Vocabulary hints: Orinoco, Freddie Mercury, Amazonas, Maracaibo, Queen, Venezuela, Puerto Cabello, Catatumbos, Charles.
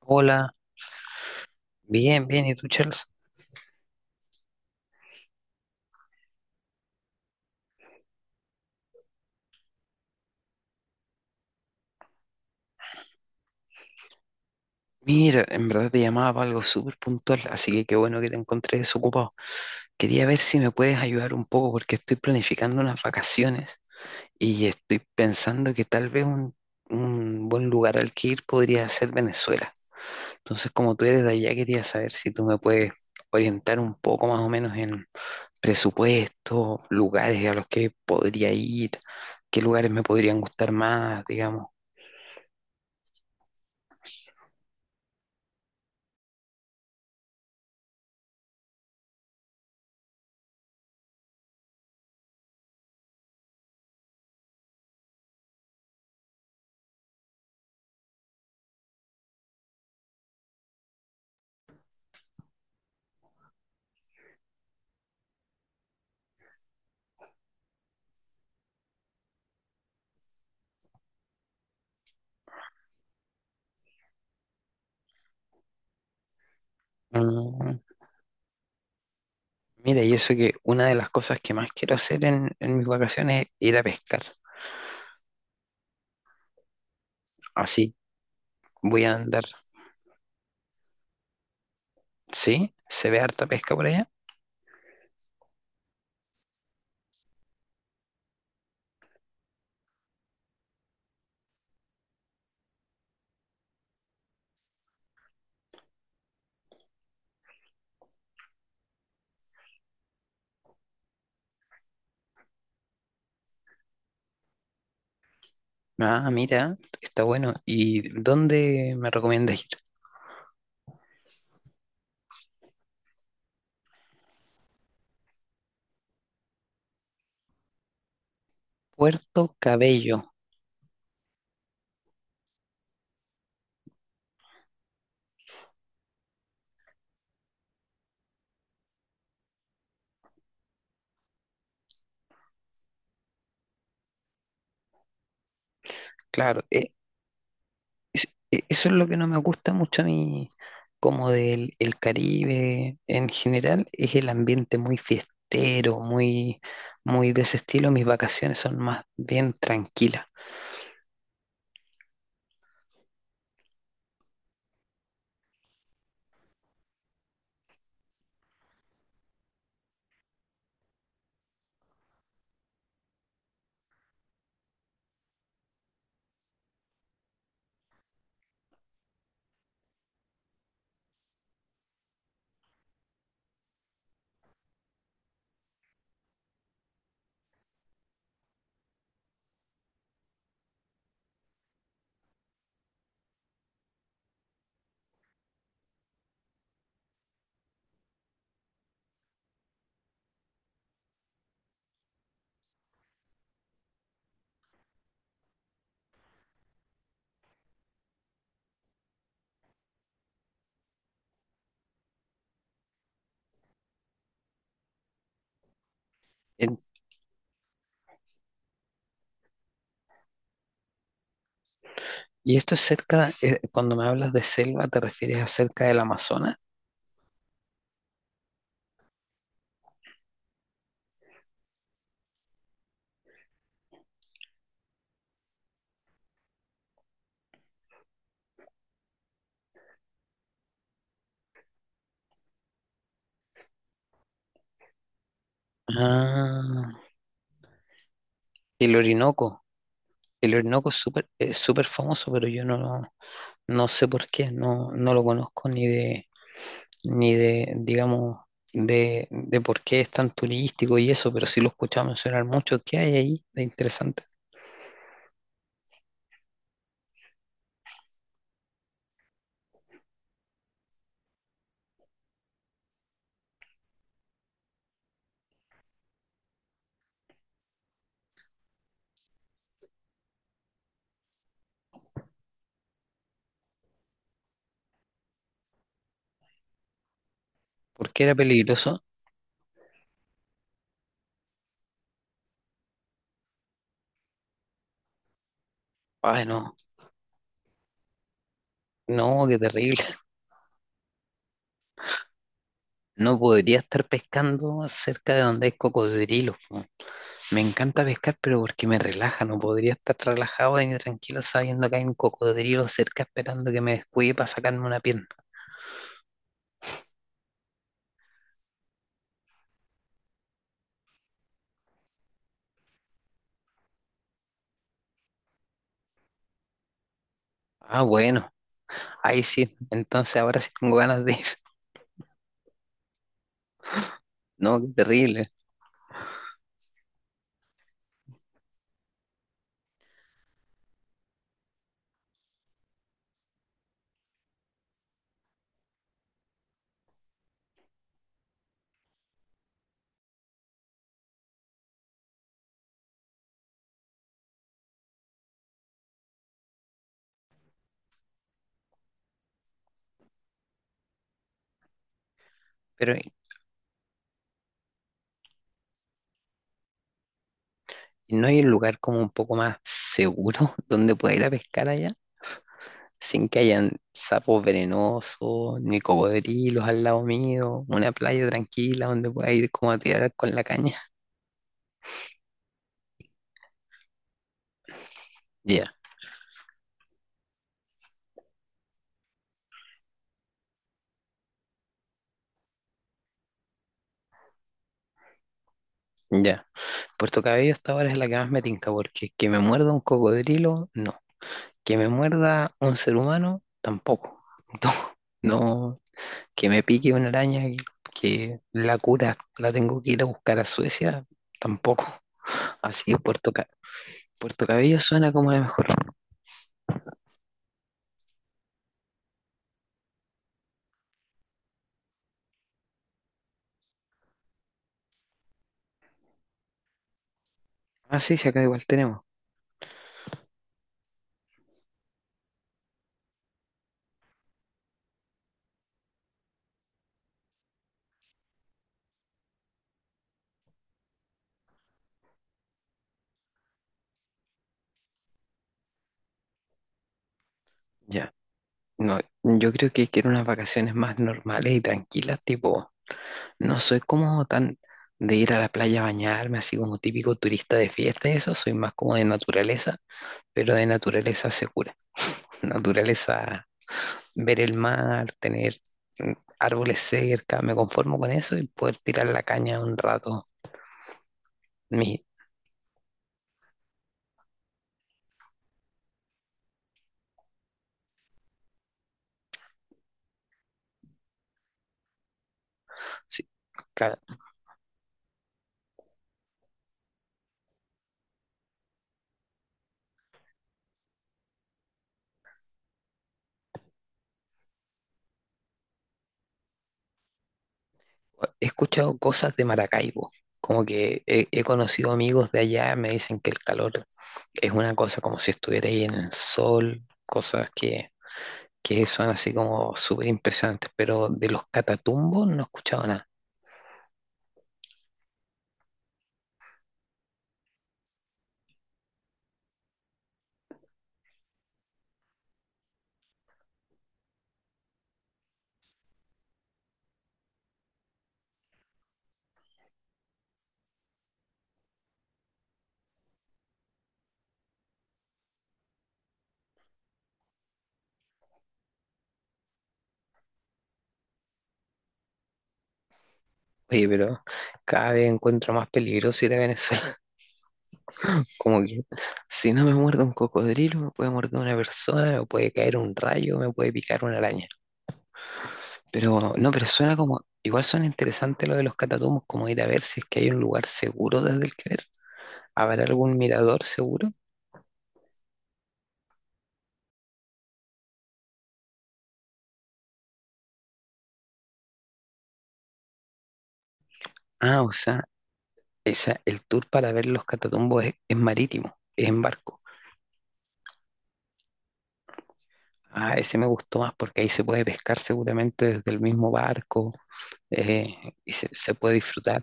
Hola, bien, bien, ¿y tú, Charles? Mira, en verdad te llamaba para algo súper puntual, así que qué bueno que te encontré desocupado. Quería ver si me puedes ayudar un poco porque estoy planificando unas vacaciones y estoy pensando que tal vez un buen lugar al que ir podría ser Venezuela. Entonces, como tú eres de allá, quería saber si tú me puedes orientar un poco más o menos en presupuesto, lugares a los que podría ir, qué lugares me podrían gustar más, digamos. Mm. Mira, y eso que una de las cosas que más quiero hacer en mis vacaciones es ir a pescar. Así voy a andar. ¿Sí? ¿Se ve harta pesca por allá? Ah, mira, está bueno. ¿Y dónde me recomiendas ir? Puerto Cabello, claro. Eso es lo que no me gusta mucho a mí, como del el Caribe en general, es el ambiente muy fiestero, muy, muy de ese estilo. Mis vacaciones son más bien tranquilas. Y esto es cerca, cuando me hablas de selva, ¿te refieres a cerca del Amazonas? Ah, el Orinoco. El Orinoco es súper, es súper famoso, pero yo no sé por qué, no lo conozco ni de, ni de, digamos, de por qué es tan turístico y eso, pero sí lo he escuchado mencionar mucho. ¿Qué hay ahí de interesante? ¿Por qué era peligroso? Ay, no, no, qué terrible. No podría estar pescando cerca de donde hay cocodrilos. Me encanta pescar, pero porque me relaja, no podría estar relajado ni tranquilo sabiendo que hay un cocodrilo cerca esperando que me descuide para sacarme una pierna. Ah, bueno, ahí sí, entonces ahora sí tengo ganas de ir. No, qué terrible. Pero ¿y no hay un lugar como un poco más seguro donde pueda ir a pescar allá, sin que hayan sapos venenosos, ni cocodrilos al lado mío, una playa tranquila donde pueda ir como a tirar con la caña. Ya, ya. Puerto Cabello hasta ahora es la que más me tinca, porque que me muerda un cocodrilo, no. Que me muerda un ser humano, tampoco. No, no. Que me pique una araña, que la cura la tengo que ir a buscar a Suecia, tampoco. Así que Puerto, Ca- Puerto Cabello suena como la mejor. Ah, sí, sí, acá igual tenemos. Ya. No, yo creo que quiero unas vacaciones más normales y tranquilas, tipo. No soy como tan de ir a la playa a bañarme, así como típico turista de fiesta y eso, soy más como de naturaleza, pero de naturaleza segura. Naturaleza, ver el mar, tener mm, árboles cerca, me conformo con eso y poder tirar la caña un rato. Mi, sí, ca- he escuchado cosas de Maracaibo, como que he conocido amigos de allá, me dicen que el calor es una cosa como si estuviera ahí en el sol, cosas que son así como súper impresionantes, pero de los catatumbos no he escuchado nada. Oye, pero cada vez encuentro más peligroso ir a Venezuela. Como que si no me muerde un cocodrilo, me puede morder una persona, me puede caer un rayo, me puede picar una araña. Pero no, pero suena como, igual suena interesante lo de los catatumbos, como ir a ver si es que hay un lugar seguro desde el que ver. ¿Habrá algún mirador seguro? Ah, o sea, esa, el tour para ver los catatumbos es marítimo, es en barco. Ah, ese me gustó más porque ahí se puede pescar seguramente desde el mismo barco y se puede disfrutar.